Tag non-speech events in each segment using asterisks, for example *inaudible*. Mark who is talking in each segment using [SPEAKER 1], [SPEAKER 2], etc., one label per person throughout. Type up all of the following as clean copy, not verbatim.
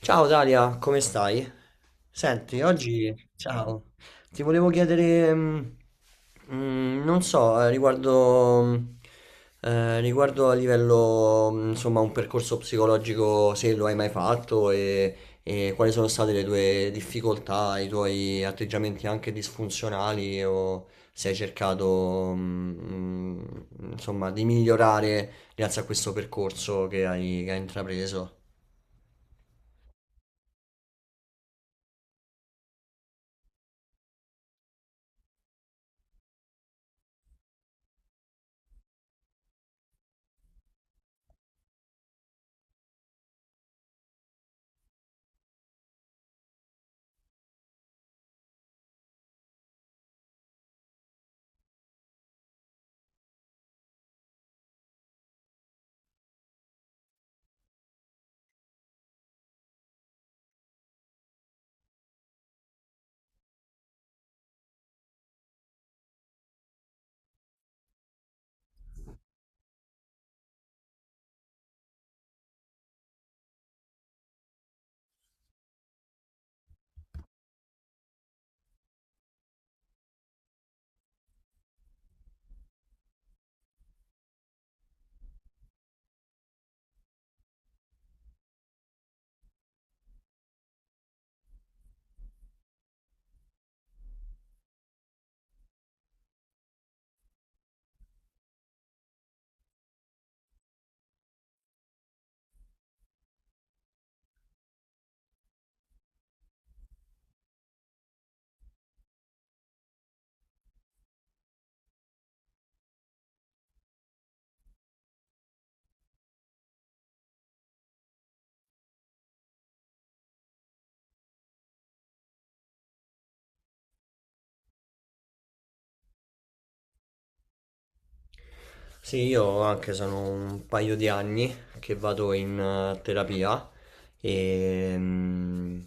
[SPEAKER 1] Ciao Dalia, come stai? Senti, oggi, ciao, ti volevo chiedere, non so, riguardo, riguardo a livello, insomma, un percorso psicologico, se lo hai mai fatto e quali sono state le tue difficoltà, i tuoi atteggiamenti anche disfunzionali o se hai cercato, insomma, di migliorare grazie a questo percorso che hai intrapreso. Sì, io anche sono un paio di anni che vado in terapia e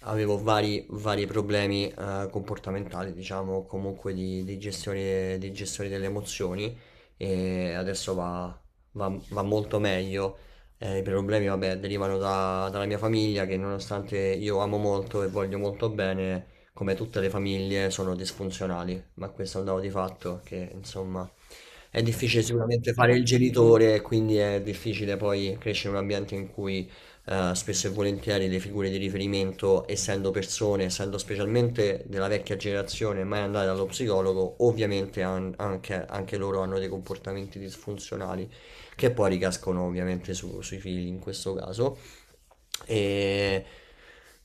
[SPEAKER 1] avevo vari problemi comportamentali, diciamo, comunque di gestione delle emozioni e adesso va molto meglio. I problemi, vabbè, derivano dalla mia famiglia che, nonostante io amo molto e voglio molto bene, come tutte le famiglie, sono disfunzionali, ma questo è un dato di fatto che, insomma, è difficile sicuramente fare il genitore, quindi è difficile poi crescere in un ambiente in cui spesso e volentieri le figure di riferimento, essendo persone, essendo specialmente della vecchia generazione, mai andate dallo psicologo, ovviamente anche, anche loro hanno dei comportamenti disfunzionali che poi ricascono ovviamente sui figli in questo caso. E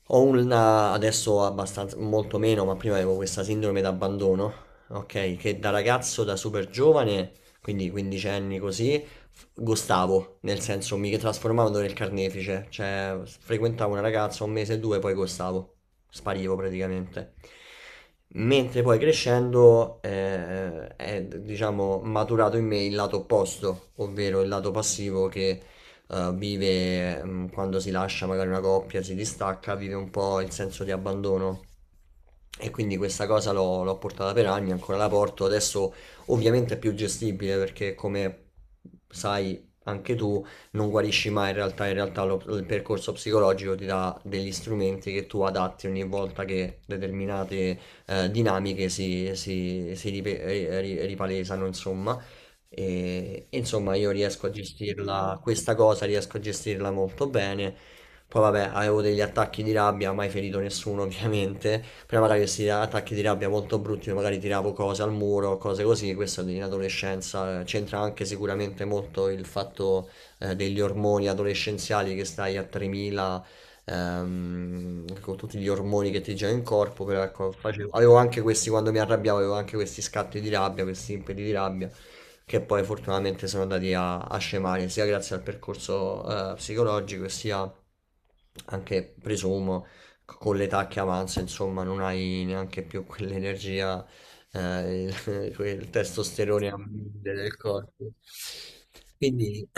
[SPEAKER 1] ho una adesso abbastanza, molto meno, ma prima avevo questa sindrome d'abbandono, ok? Che da ragazzo, da super giovane, quindi 15 anni così, gostavo, nel senso mi trasformavo nel carnefice, cioè frequentavo una ragazza un mese e due, poi gostavo, sparivo praticamente. Mentre poi crescendo è, diciamo, maturato in me il lato opposto, ovvero il lato passivo che vive quando si lascia magari una coppia, si distacca, vive un po' il senso di abbandono. E quindi questa cosa l'ho portata per anni, ancora la porto. Adesso ovviamente è più gestibile perché, come sai anche tu, non guarisci mai in realtà. In realtà il percorso psicologico ti dà degli strumenti che tu adatti ogni volta che determinate dinamiche si ripalesano, insomma. E insomma, io riesco a gestirla, questa cosa riesco a gestirla molto bene. Poi vabbè, avevo degli attacchi di rabbia, mai ferito nessuno *laughs* ovviamente. Prima avevo questi attacchi di rabbia molto brutti, dove magari tiravo cose al muro, cose così. Questo in adolescenza, c'entra anche sicuramente molto il fatto degli ormoni adolescenziali, che stai a 3000, con tutti gli ormoni che ti girano in corpo, però ecco, avevo anche questi quando mi arrabbiavo, avevo anche questi scatti di rabbia, questi impeti di rabbia che poi fortunatamente sono andati a, a scemare sia grazie al percorso psicologico sia anche, presumo, con l'età che avanza, insomma. Non hai neanche più quell'energia, *laughs* quel testosterone a mille del corpo. Quindi *clears throat*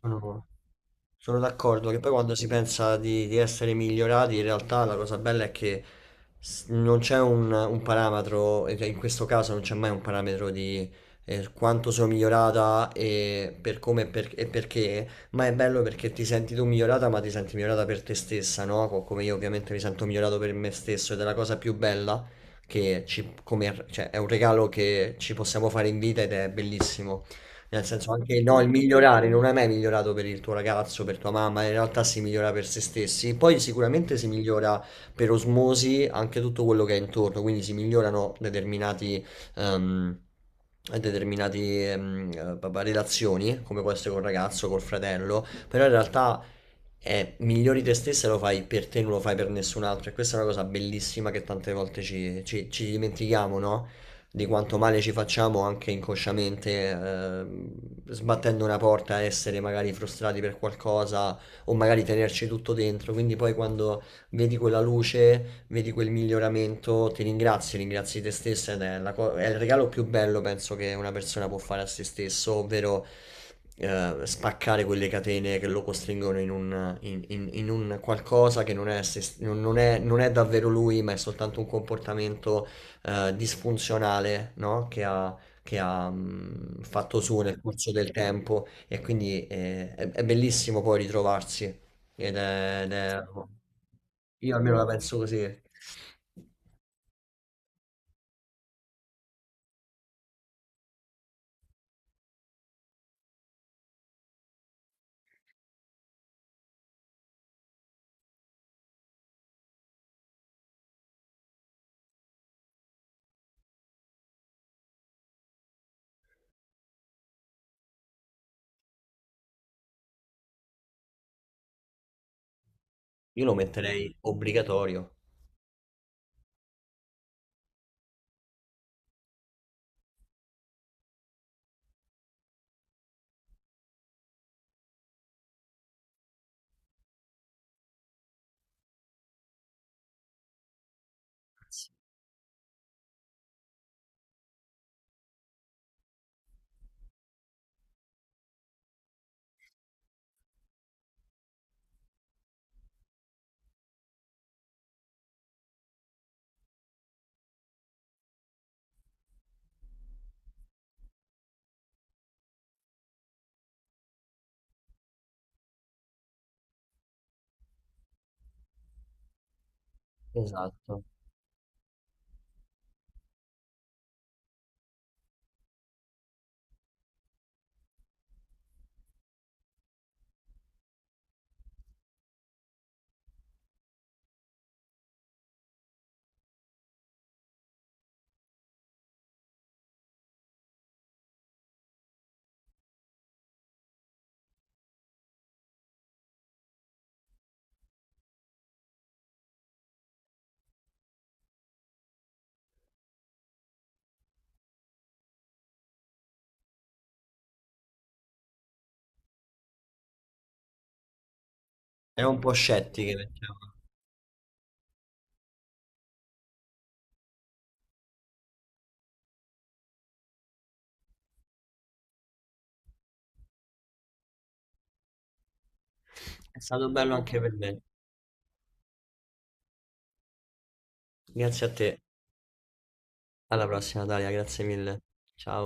[SPEAKER 1] sono sono d'accordo che poi quando si pensa di essere migliorati, in realtà la cosa bella è che non c'è un parametro, e che in questo caso non c'è mai un parametro di quanto sono migliorata e per come perché, ma è bello perché ti senti tu migliorata, ma ti senti migliorata per te stessa, no? Come io ovviamente mi sento migliorato per me stesso, ed è la cosa più bella che cioè, è un regalo che ci possiamo fare in vita ed è bellissimo. Nel senso, anche no, il migliorare non è mai migliorato per il tuo ragazzo, per tua mamma, in realtà si migliora per se stessi. Poi sicuramente si migliora per osmosi anche tutto quello che è intorno, quindi si migliorano determinati, ehm, determinati papà, relazioni, come può essere col ragazzo, col fratello, però in realtà è migliori te stessa, lo fai per te, non lo fai per nessun altro. E questa è una cosa bellissima che tante volte ci dimentichiamo, no? Di quanto male ci facciamo anche inconsciamente, sbattendo una porta, essere magari frustrati per qualcosa o magari tenerci tutto dentro. Quindi poi quando vedi quella luce, vedi quel miglioramento, ti ringrazi, ringrazi te stessa, ed è, è il regalo più bello, penso, che una persona può fare a se stesso, ovvero spaccare quelle catene che lo costringono in in un qualcosa che non è, non è, non è davvero lui, ma è soltanto un comportamento disfunzionale, no? Che ha, fatto su nel corso del tempo, e quindi è bellissimo poi ritrovarsi. Ed è- ed è- Io almeno la penso così. Io lo metterei obbligatorio. Esatto. È un po' scettiche. Perché... È stato bello anche per me. Grazie a te. Alla prossima, Dalia. Grazie mille. Ciao.